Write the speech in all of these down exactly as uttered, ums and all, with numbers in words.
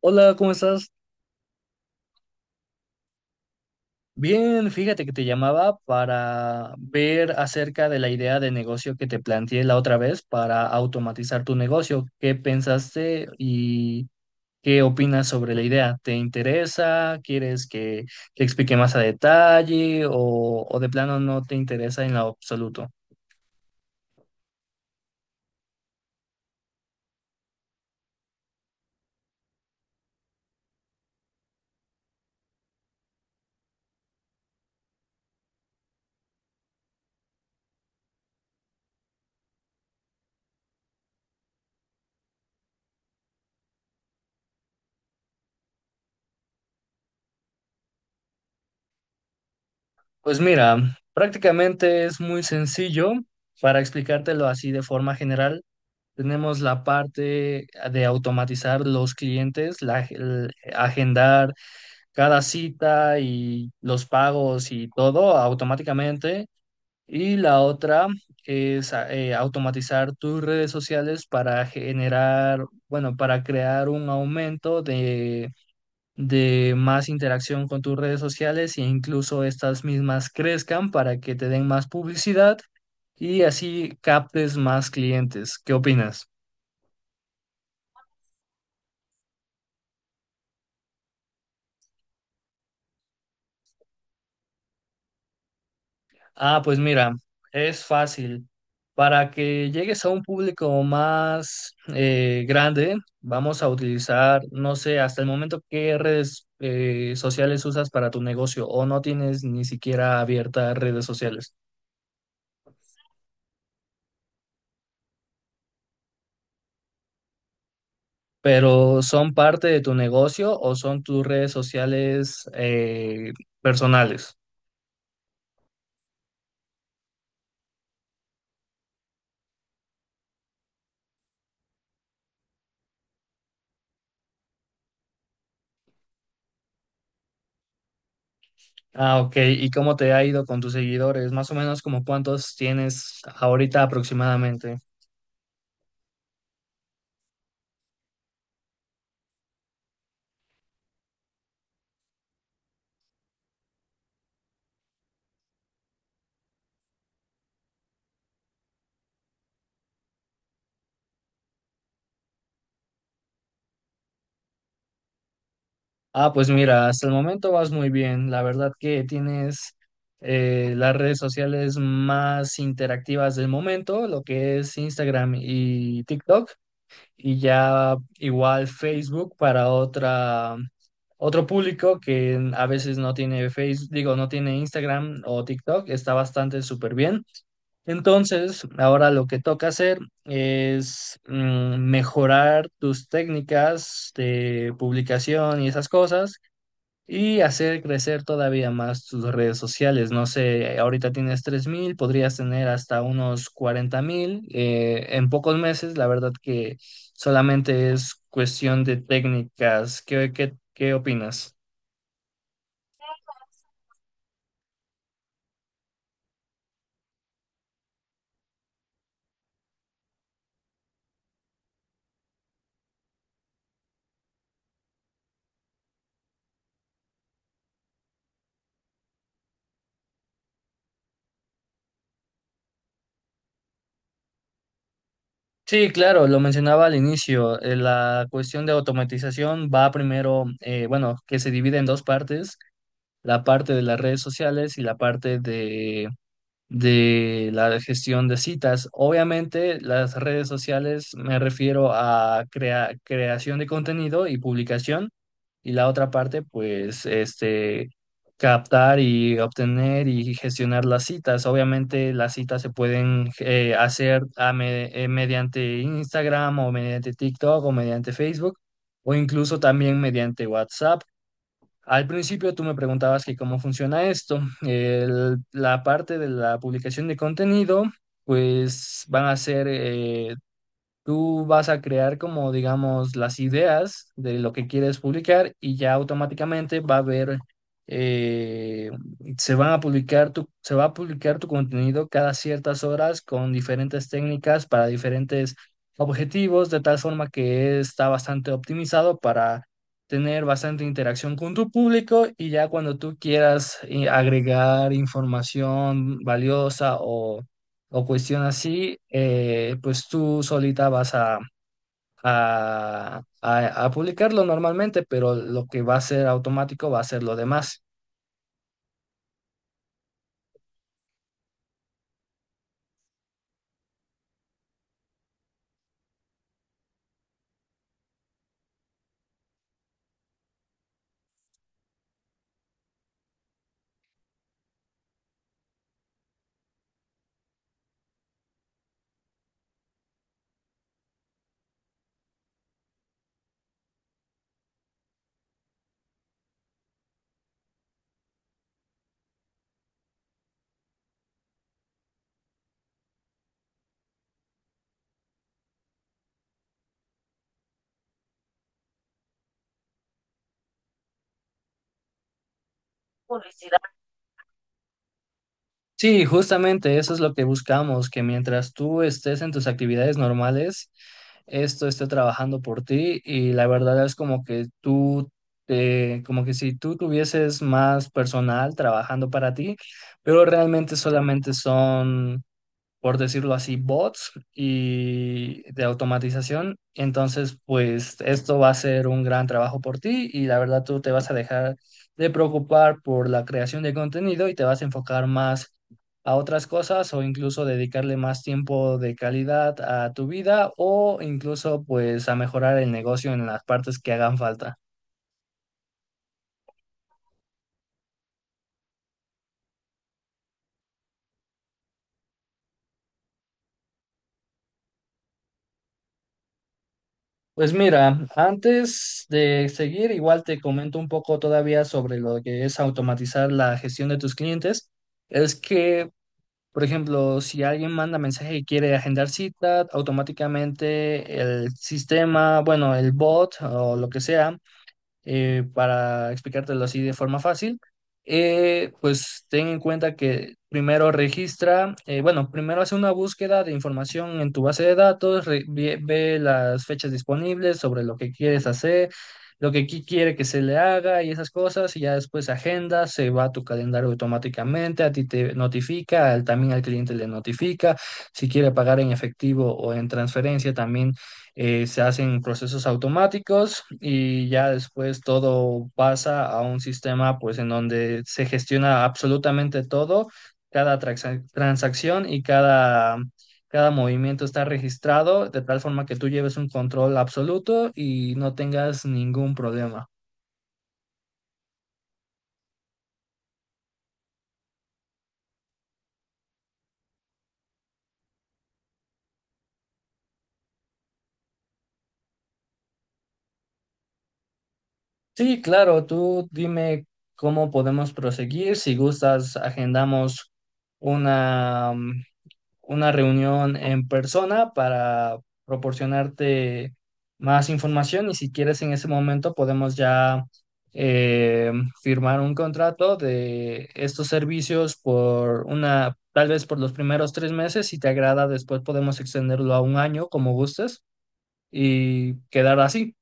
Hola, ¿cómo estás? Bien, fíjate que te llamaba para ver acerca de la idea de negocio que te planteé la otra vez para automatizar tu negocio. ¿Qué pensaste y qué opinas sobre la idea? ¿Te interesa? ¿Quieres que te explique más a detalle o, o de plano no te interesa en lo absoluto? Pues mira, prácticamente es muy sencillo para explicártelo así de forma general. Tenemos la parte de automatizar los clientes, la, el agendar cada cita y los pagos y todo automáticamente. Y la otra es a- eh, automatizar tus redes sociales para generar, bueno, para crear un aumento de, de más interacción con tus redes sociales e incluso estas mismas crezcan para que te den más publicidad y así captes más clientes. ¿Qué opinas? Ah, pues mira, es fácil. Para que llegues a un público más eh, grande, vamos a utilizar, no sé, hasta el momento qué redes eh, sociales usas para tu negocio, o no tienes ni siquiera abiertas redes sociales, pero ¿son parte de tu negocio o son tus redes sociales eh, personales? Ah, ok. ¿Y cómo te ha ido con tus seguidores? Más o menos, como cuántos tienes ahorita, aproximadamente. Ah, pues mira, hasta el momento vas muy bien. La verdad que tienes eh, las redes sociales más interactivas del momento, lo que es Instagram y TikTok, y ya igual Facebook para otra, otro público que a veces no tiene Facebook, digo, no tiene Instagram o TikTok. Está bastante súper bien. Entonces, ahora lo que toca hacer es mm, mejorar tus técnicas de publicación y esas cosas, y hacer crecer todavía más tus redes sociales. No sé, ahorita tienes tres mil, podrías tener hasta unos cuarenta mil eh, en pocos meses. La verdad que solamente es cuestión de técnicas. ¿Qué, qué, qué opinas? Sí, claro, lo mencionaba al inicio. eh, la cuestión de automatización va primero, eh, bueno, que se divide en dos partes: la parte de las redes sociales y la parte de de la gestión de citas. Obviamente, las redes sociales, me refiero a crea- creación de contenido y publicación, y la otra parte, pues, este, captar y obtener y gestionar las citas. Obviamente, las citas se pueden eh, hacer a me- eh, mediante Instagram o mediante TikTok o mediante Facebook, o incluso también mediante WhatsApp. Al principio tú me preguntabas que cómo funciona esto. El- la parte de la publicación de contenido, pues van a ser, eh, tú vas a crear, como, digamos, las ideas de lo que quieres publicar, y ya automáticamente va a haber, eh, se van a publicar tu, se va a publicar tu contenido cada ciertas horas con diferentes técnicas para diferentes objetivos, de tal forma que está bastante optimizado para tener bastante interacción con tu público. Y ya cuando tú quieras eh, agregar información valiosa o o cuestión así, eh, pues tú solita vas a, a, a- a publicarlo normalmente, pero lo que va a ser automático va a ser lo demás. Sí, justamente eso es lo que buscamos: que mientras tú estés en tus actividades normales, esto esté trabajando por ti, y la verdad es como que tú, eh, como que si tú tuvieses más personal trabajando para ti, pero realmente solamente son, por decirlo así, bots y de automatización. Entonces, pues esto va a ser un gran trabajo por ti y la verdad tú te vas a dejar de preocupar por la creación de contenido y te vas a enfocar más a otras cosas, o incluso dedicarle más tiempo de calidad a tu vida, o incluso pues a mejorar el negocio en las partes que hagan falta. Pues mira, antes de seguir, igual te comento un poco todavía sobre lo que es automatizar la gestión de tus clientes. Es que, por ejemplo, si alguien manda mensaje y quiere agendar cita, automáticamente el sistema, bueno, el bot o lo que sea, eh, para explicártelo así de forma fácil, eh, pues ten en cuenta que primero registra, eh, bueno, primero hace una búsqueda de información en tu base de datos, re- ve, ve las fechas disponibles sobre lo que quieres hacer, lo que qui- quiere que se le haga y esas cosas, y ya después agenda, se va a tu calendario automáticamente, a ti te notifica, al- también al cliente le notifica, si quiere pagar en efectivo o en transferencia, también eh, se hacen procesos automáticos, y ya después todo pasa a un sistema, pues, en donde se gestiona absolutamente todo, cada traxa- transacción y cada, cada movimiento está registrado de tal forma que tú lleves un control absoluto y no tengas ningún problema. Sí, claro, tú dime cómo podemos proseguir. Si gustas, agendamos una una reunión en persona para proporcionarte más información, y si quieres, en ese momento podemos ya eh, firmar un contrato de estos servicios por una, tal vez por los primeros tres meses. Si te agrada, después podemos extenderlo a un año, como gustes, y quedar así.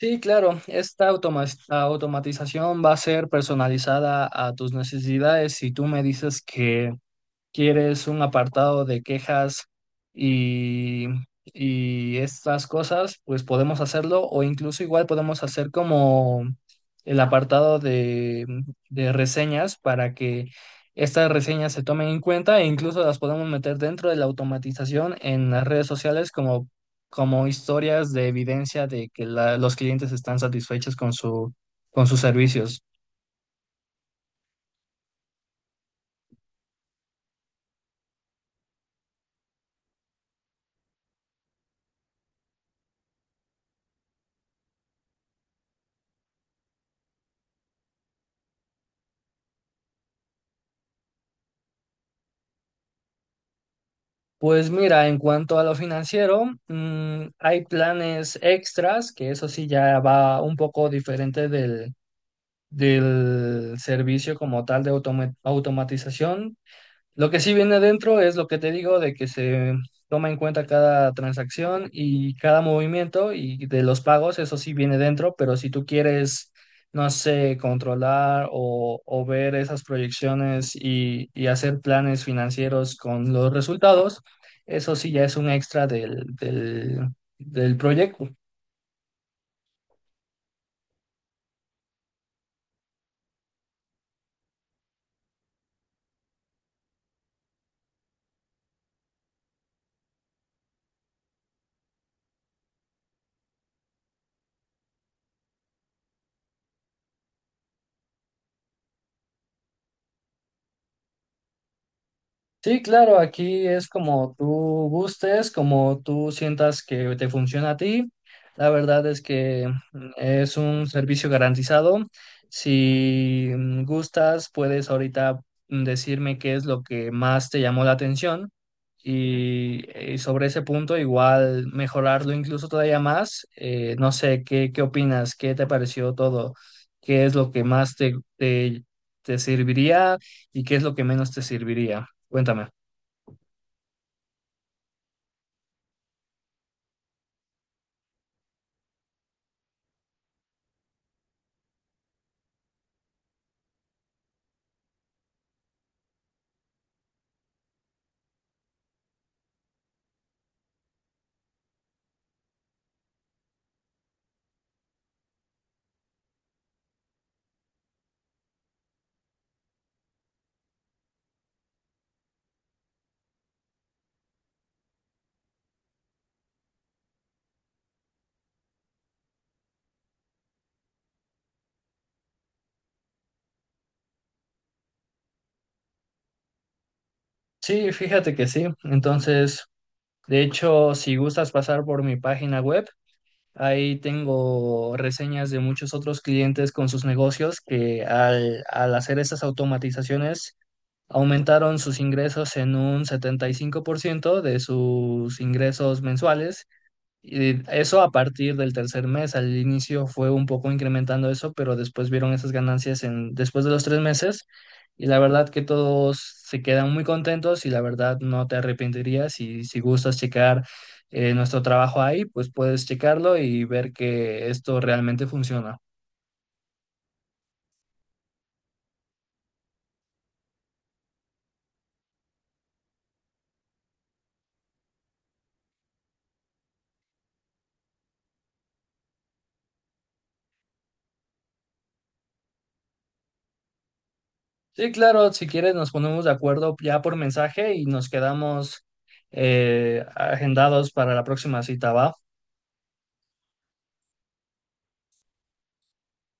Sí, claro, esta automa- esta automatización va a ser personalizada a tus necesidades. Si tú me dices que quieres un apartado de quejas y, y estas cosas, pues podemos hacerlo, o incluso igual podemos hacer como el apartado de, de reseñas, para que estas reseñas se tomen en cuenta e incluso las podemos meter dentro de la automatización en las redes sociales, como, como historias de evidencia de que la- los clientes están satisfechos con su, con sus servicios. Pues mira, en cuanto a lo financiero, mm, hay planes extras, que eso sí ya va un poco diferente del, del servicio como tal de automa- automatización. Lo que sí viene adentro es lo que te digo, de que se toma en cuenta cada transacción y cada movimiento y de los pagos. Eso sí viene dentro, pero si tú quieres, no sé, controlar, o, o ver esas proyecciones y, y hacer planes financieros con los resultados, eso sí ya es un extra del, del, del proyecto. Sí, claro, aquí es como tú gustes, como tú sientas que te funciona a ti. La verdad es que mm, es un servicio garantizado. Si mm, gustas, puedes ahorita mm, decirme qué es lo que más te llamó la atención y, y sobre ese punto igual mejorarlo incluso todavía más. Eh, no sé, ¿qué, qué opinas? ¿Qué te pareció todo? ¿Qué es lo que más te, te te serviría y qué es lo que menos te serviría? Cuéntame. Sí, fíjate que sí. Entonces, de hecho, si gustas pasar por mi página web, ahí tengo reseñas de muchos otros clientes con sus negocios que al, al hacer estas automatizaciones aumentaron sus ingresos en un setenta y cinco por ciento de sus ingresos mensuales. Y eso a partir del tercer mes. Al inicio fue un poco incrementando eso, pero después vieron esas ganancias en, después de los tres meses, y la verdad que todos se quedan muy contentos y la verdad no te arrepentirías, y si gustas checar eh, nuestro trabajo ahí, pues puedes checarlo y ver que esto realmente funciona. Sí, claro, si quieres nos ponemos de acuerdo ya por mensaje y nos quedamos eh, agendados para la próxima cita, ¿va?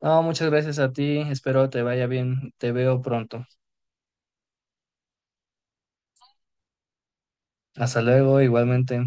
No, muchas gracias a ti. Espero te vaya bien. Te veo pronto. Hasta luego, igualmente.